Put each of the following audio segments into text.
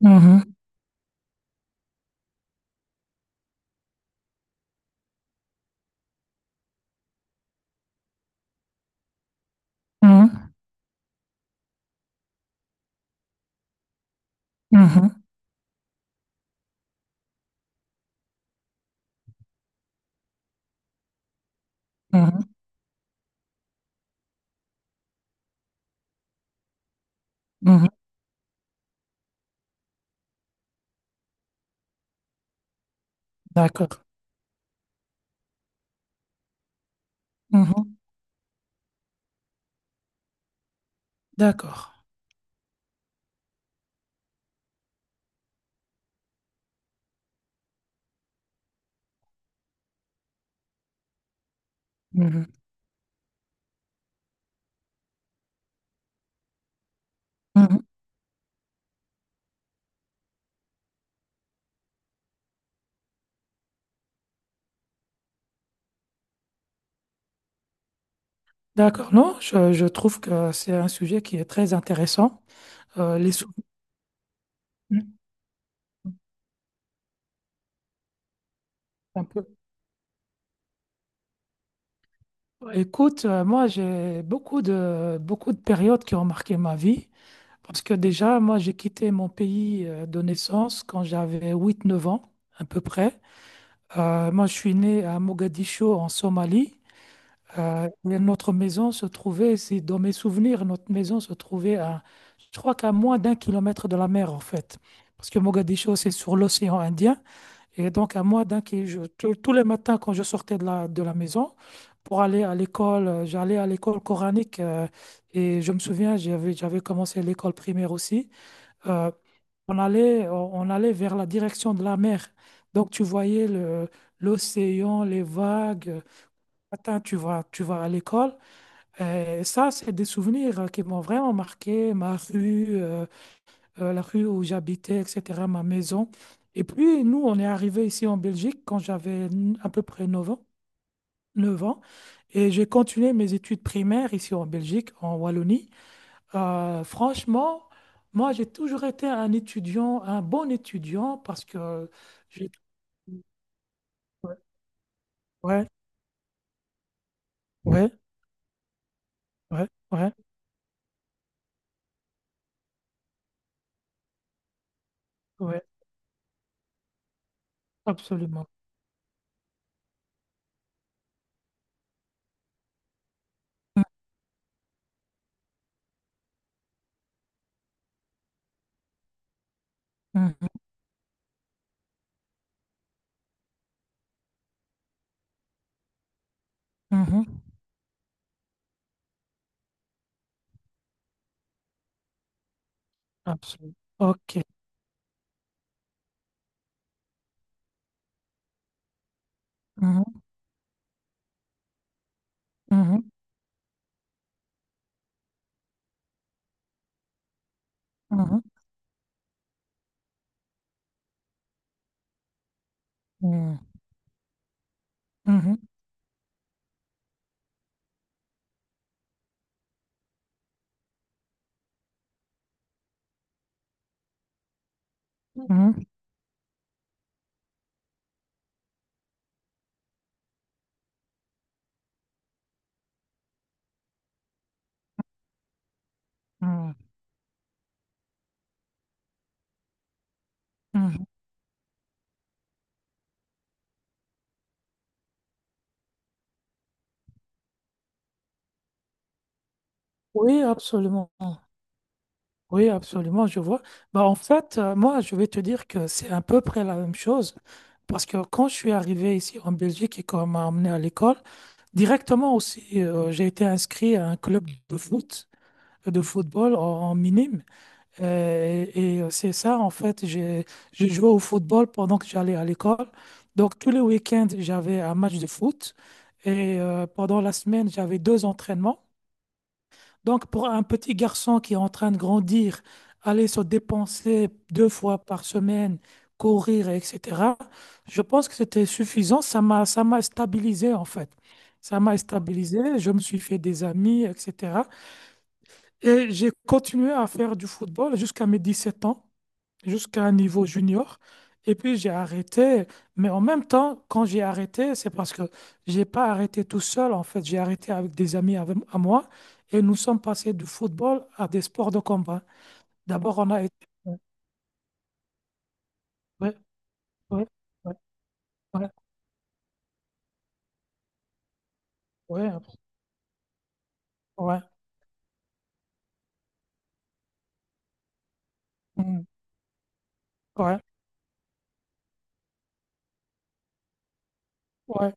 Mhm, mhm, mhm, mhm, mhm. D'accord. Mhm, d'accord. Mhm, mhm. D'accord. Non, je trouve que c'est un sujet qui est très intéressant. Euh, les sou- Mhm. Un peu. Écoute, moi, j'ai beaucoup de périodes qui ont marqué ma vie. Parce que déjà, moi, j'ai quitté mon pays de naissance quand j'avais 8 9 ans, à peu près. Moi, je suis né à Mogadiscio, en Somalie. Mais notre maison se trouvait, si dans mes souvenirs, notre maison se trouvait à, je crois qu'à moins d'un kilomètre de la mer, en fait. Parce que Mogadiscio, c'est sur l'océan Indien. Et donc, à moins d'un kilomètre, tous les matins, quand je sortais de la maison pour aller à l'école, j'allais à l'école coranique. Et je me souviens, j'avais commencé l'école primaire aussi. Euh, on allait vers la direction de la mer. Donc, tu voyais l'océan, les vagues. Matin, tu vas à l'école. Ça, c'est des souvenirs qui m'ont vraiment marqué, ma rue, la rue où j'habitais, etc., ma maison. Et puis, nous, on est arrivés ici en Belgique quand j'avais à peu près 9 ans, 9 ans. Et j'ai continué mes études primaires ici en Belgique, en Wallonie. Franchement, moi, j'ai toujours été un étudiant, un bon étudiant, parce que j'ai... Ouais, ouais, ouais, ouais, ouais, ouais, absolument. Mhm, mhm, absolument. Ok. Mmh. Mhm, mhm, mhm, mhm, mhm, mhm, mhm. Oui, absolument. Oui, absolument, je vois. Bah, en fait, moi, je vais te dire que c'est à peu près la même chose. Parce que quand je suis arrivé ici en Belgique et qu'on m'a emmené à l'école, directement aussi, j'ai été inscrit à un club de foot, de football en, minime. Et c'est ça, en fait, j'ai joué au football pendant que j'allais à l'école. Donc, tous les week-ends, j'avais un match de foot. Et pendant la semaine, j'avais deux entraînements. Donc, pour un petit garçon qui est en train de grandir, aller se dépenser deux fois par semaine, courir, etc., je pense que c'était suffisant. Ça m'a stabilisé, en fait. Ça m'a stabilisé, je me suis fait des amis, etc. Et j'ai continué à faire du football jusqu'à mes 17 ans jusqu'à un niveau junior. Et puis j'ai arrêté, mais en même temps, quand j'ai arrêté, c'est parce que j'ai pas arrêté tout seul, en fait, j'ai arrêté avec des amis à moi et nous sommes passés du football à des sports de combat. D'abord, on a été... Ouais, ouais, ouais, ouais, ouais, ouais, ouais, mm, ouais, ouais,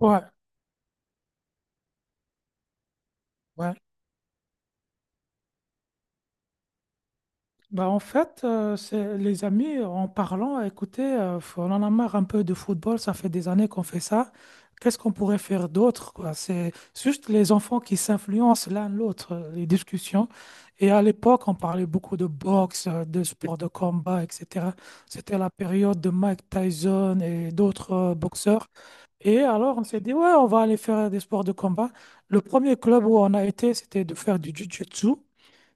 ouais, ouais. Bah en fait, c'est les amis, en parlant, écoutez, on en a marre un peu de football, ça fait des années qu'on fait ça. Qu'est-ce qu'on pourrait faire d'autre, quoi? C'est juste les enfants qui s'influencent l'un l'autre, les discussions. Et à l'époque, on parlait beaucoup de boxe, de sport de combat, etc. C'était la période de Mike Tyson et d'autres boxeurs. Et alors, on s'est dit, ouais, on va aller faire des sports de combat. Le premier club où on a été, c'était de faire du jiu-jitsu.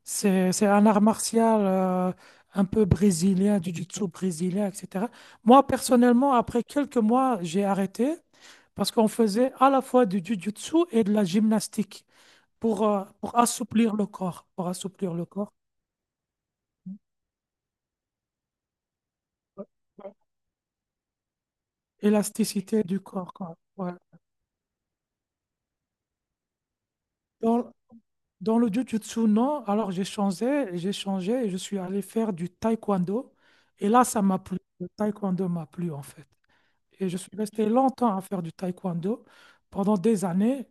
C'est un art martial un peu brésilien, du jiu-jitsu brésilien, etc. Moi, personnellement, après quelques mois, j'ai arrêté parce qu'on faisait à la fois du jiu-jitsu et de la gymnastique pour assouplir le corps, pour assouplir le corps. Ouais, élasticité du corps, quoi. Ouais. Dans, dans le jiu-jitsu, non. Alors, j'ai changé et je suis allé faire du taekwondo. Et là, ça m'a plu. Le taekwondo m'a plu, en fait. Et je suis resté longtemps à faire du taekwondo pendant des années.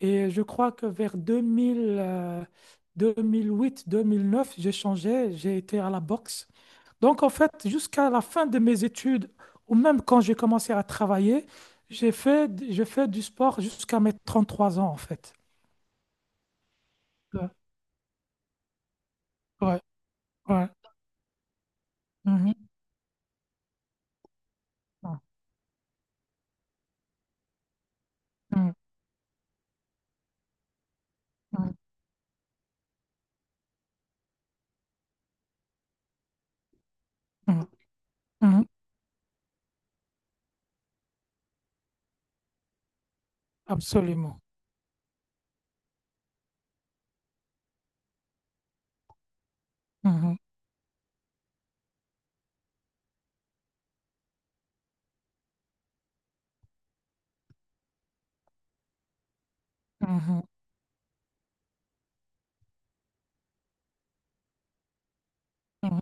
Et je crois que vers 2000, 2008, 2009, j'ai changé, j'ai été à la boxe. Donc, en fait, jusqu'à la fin de mes études, ou même quand j'ai commencé à travailler, j'ai fait du sport jusqu'à mes 33 ans, en fait. Ouais, ouais, ouais. Mhm. Mhm. Mhm. Mhm. Absolument. Mhm. Mhm. Mhm.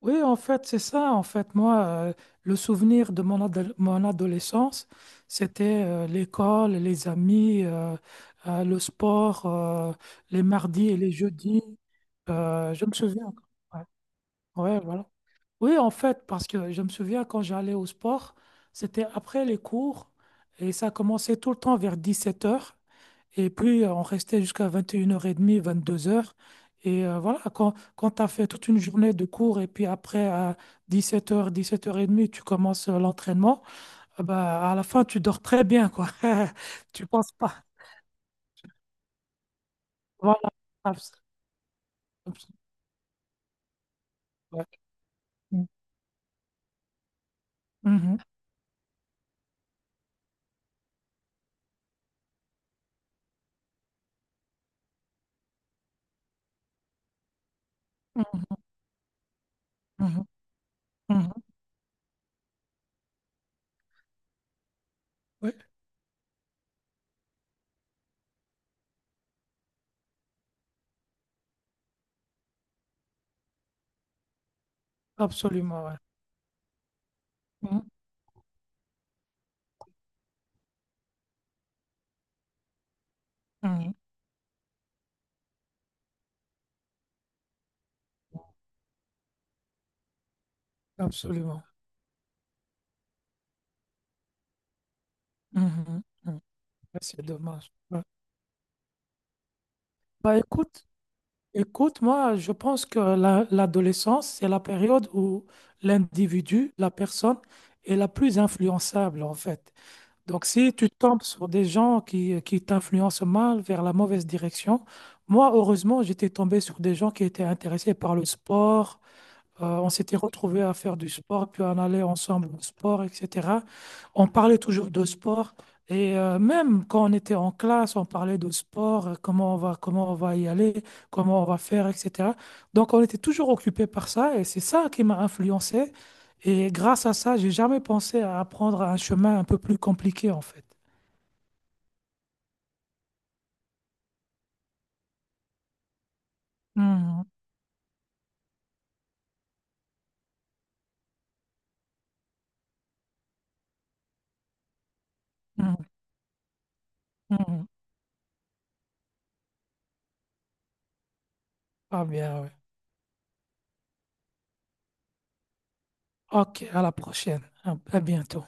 Oui, en fait, c'est ça. En fait, moi, le souvenir de mon adolescence, c'était l'école, les amis, le sport, les mardis et les jeudis. Je me souviens. Ouais, ouais, voilà. Oui, en fait, parce que je me souviens quand j'allais au sport, c'était après les cours et ça commençait tout le temps vers 17 heures. Et puis, on restait jusqu'à 21 h 22 heures. Et voilà, quand tu as fait toute une journée de cours et puis après, à 17h, 17h30, tu commences l'entraînement, bah, à la fin, tu dors très bien, quoi. Tu penses pas. Voilà. Abs- abs- ouais. Mm. Mhm. Mhm. Mhm. Mhm. Oui, absolument, ouais. Mhm. Mhm. Absolument. Mhm. Mhm. Ouais, c'est dommage. Ouais. Bah écoute, Écoute, moi, je pense que l'adolescence, c'est la période où l'individu, la personne, est la plus influençable, en fait. Donc, si tu tombes sur des gens qui t'influencent mal vers la mauvaise direction, moi, heureusement, j'étais tombé sur des gens qui étaient intéressés par le sport, on s'était retrouvés à faire du sport, puis on allait ensemble au sport, etc. On parlait toujours de sport. Et même quand on était en classe, on parlait de sport, comment on va y aller, comment on va faire, etc. Donc on était toujours occupés par ça et c'est ça qui m'a influencé. Et grâce à ça, j'ai jamais pensé à apprendre un chemin un peu plus compliqué en fait. Mhm, mhm, mhm. Ah bien, ouais. Ok, à la prochaine. À bientôt.